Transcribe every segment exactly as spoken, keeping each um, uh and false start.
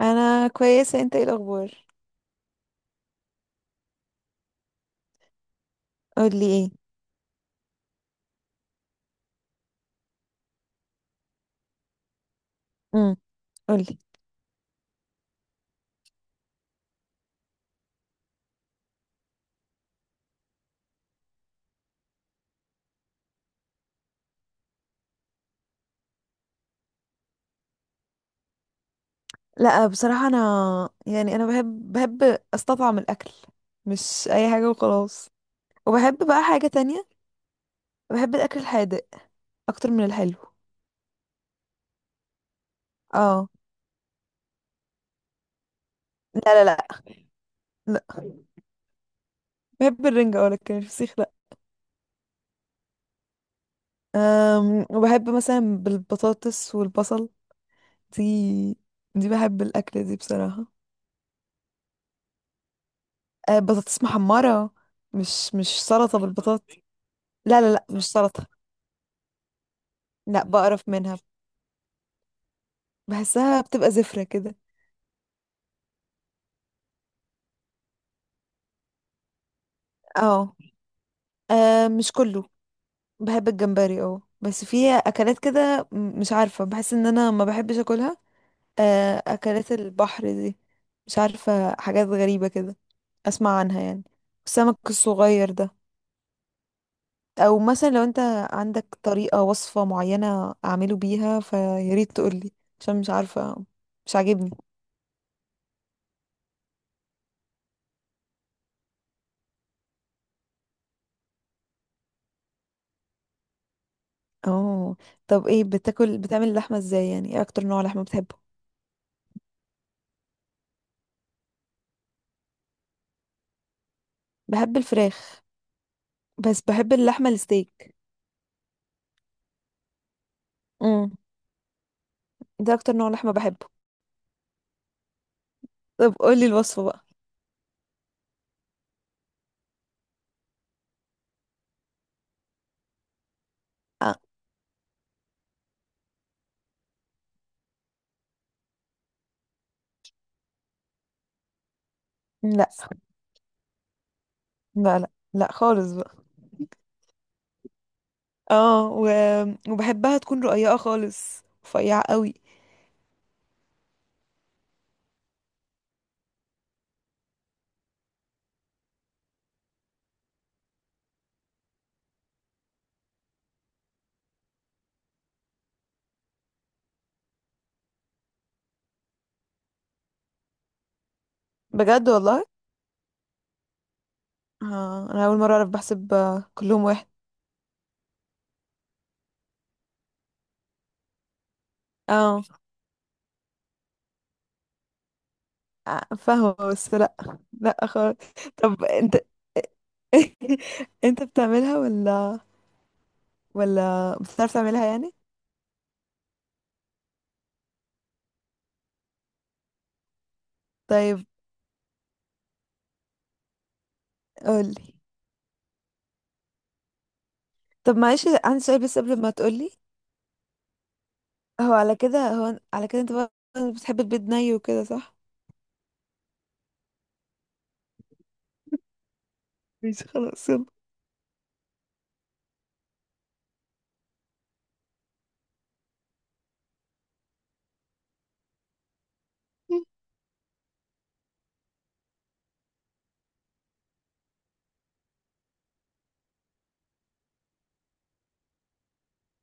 انا كويسه، انت ايه الاخبار؟ قولي ايه؟ امم. قولي. لا، بصراحه انا، يعني انا بحب بحب استطعم الاكل. مش اي حاجه وخلاص. وبحب بقى حاجه تانية. بحب الاكل الحادق اكتر من الحلو. اه. لا، لا، لا، لا. بحب الرنجة، اه، لكن الفسيخ لا. أم وبحب مثلا بالبطاطس والبصل. دي دي بحب الأكلة دي بصراحة. أه، بطاطس محمرة. مش مش سلطة بالبطاطس. لا، لا، لا، مش سلطة. لا، بقرف منها. بحسها بتبقى زفرة كده. اه. آه، مش كله. بحب الجمبري، اه، بس في اكلات كده، م- مش عارفة، بحس ان انا ما بحبش اكلها. آه، اكلات البحر دي. مش عارفة، حاجات غريبة كده. اسمع عنها يعني. السمك الصغير ده. او مثلا لو انت عندك طريقة، وصفة معينة اعمله بيها فياريت تقولي. عشان مش عارفة. مش عاجبني. اه. طب، ايه بتاكل بتعمل اللحمة ازاي؟ يعني ايه اكتر نوع لحمة بتحبه؟ بحب الفراخ. بس بحب اللحمة الستيك. امم. ده اكتر نوع لحمة بحبه. طب قولي الوصفة بقى. آه. لا، لا، لا، لا خالص بقى. اه، و... وبحبها تكون رقيقة خالص رفيعة قوي. بجد والله؟ اه، انا اول مرة اعرف، بحسب آه، كلهم واحد. اه. آه، فاهمة، بس لا. لا خالص. طب انت. انت بتعملها ولا؟ ولا بتعرف تعملها يعني؟ طيب. قولي. طب معلش، عندي سؤال بس قبل ما تقولي. هو على كده هو على كده انت بقى، بتحب البيض ني وكده صح؟ ماشي، خلاص، يلا.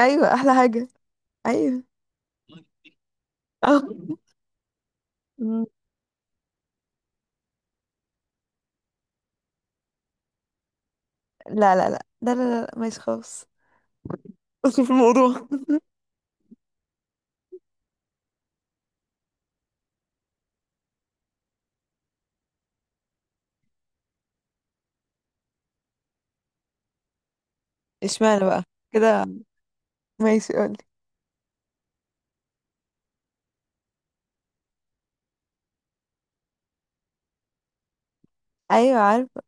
ايوه، احلى حاجه. ايوه. اه. مم. لا، لا، لا، لا، لا، لا، لا، ماشي خلاص. اصل في الموضوع. اشمعنى بقى كده؟ ماشي، قولي. ايوه، عارفه.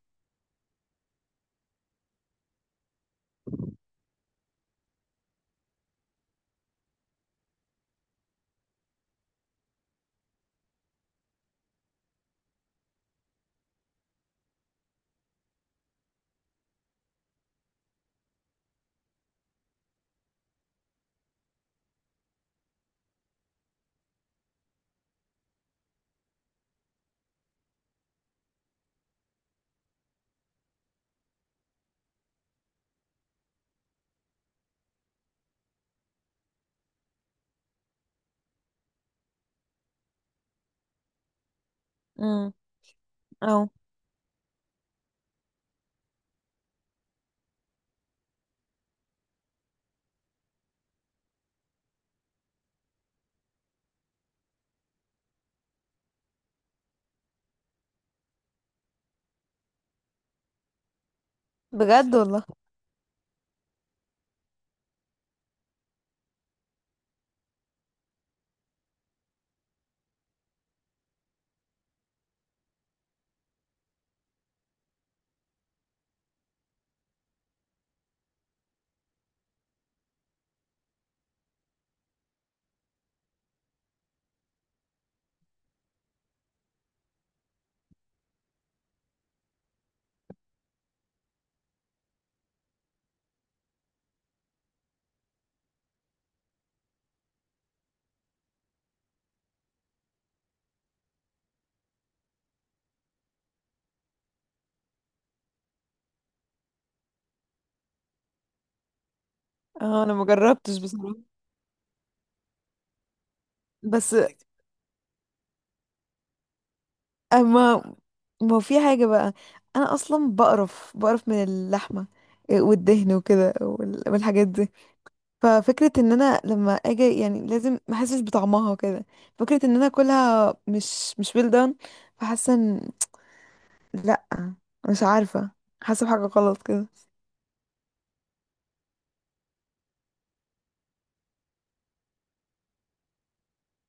امم. اه. بجد والله؟ اه، انا ما جربتش بصراحه. بس، اما ما هو في حاجه بقى، انا اصلا بقرف بقرف من اللحمه، والدهن وكده، وال- والحاجات دي. ففكرة ان انا لما اجي، يعني لازم ما احسش بطعمها وكده. فكرة ان انا اكلها مش مش well done. فحاسة ان، لا، مش عارفة، حاسة بحاجة غلط كده.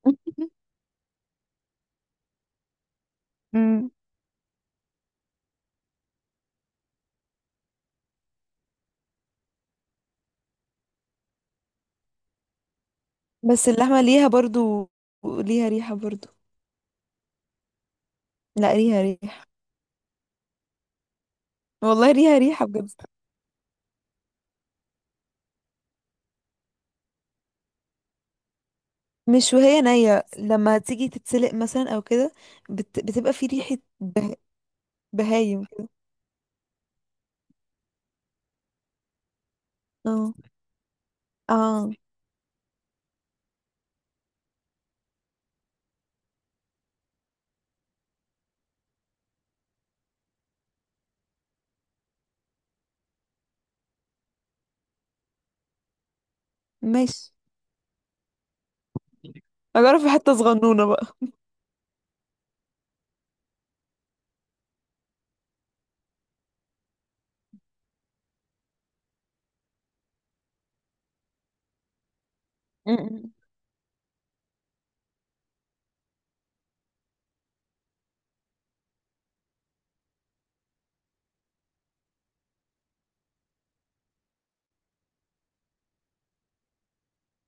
امم بس اللحمة ليها برضو، ليها ريحة برضو. لا، ليها ريحة. والله ليها ريحة بجد. مش وهي نية لما تيجي تتسلق مثلا او كده؟ بت... بتبقى في ريحة به... بهايم كده. اه. اه، ماشي. هجرب في حتة صغنونة بقى. أمم.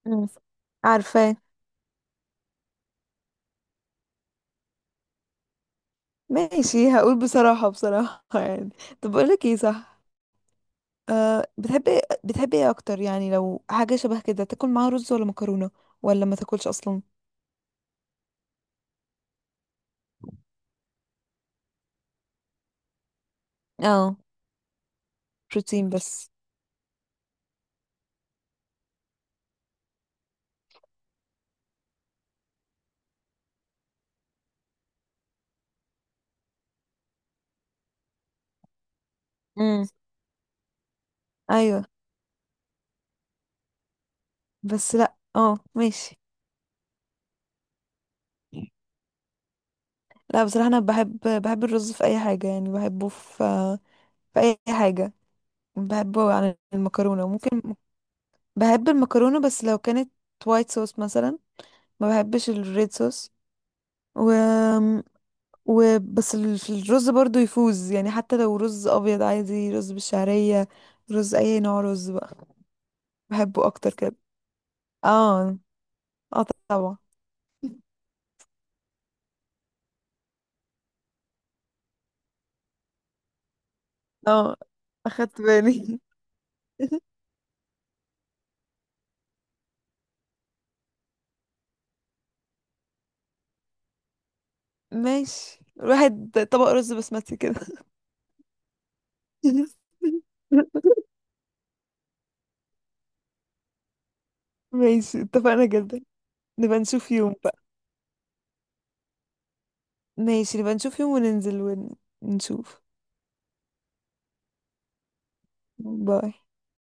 مم. عارفة. ماشي، هقول بصراحة بصراحة، يعني. طب بقول لك ايه، صح؟ أه، بتحبي بتحبي ايه اكتر، يعني لو حاجة شبه كده، تاكل معاها رز ولا مكرونة؟ ولا ما تاكلش اصلا؟ اه، بروتين بس. امم. ايوه. بس لا، اه، ماشي. لا، بصراحة انا بحب بحب الرز في اي حاجة، يعني بحبه في في اي حاجة. بحبه عن المكرونة ممكن. بحب المكرونة بس لو كانت وايت صوص مثلا. ما بحبش الريد صوص. وبس ال- في الرز برضو يفوز، يعني حتى لو رز ابيض عادي، رز بالشعرية. رز، اي نوع رز بقى. بحبه اكتر كده. اه. اه طبعا. اه، اخدت بالي. ماشي، الواحد طبق رز بسمتي كده. ماشي، اتفقنا جدا. نبقى نشوف يوم بقى. ماشي، نبقى نشوف يوم وننزل. ونشوف. باي.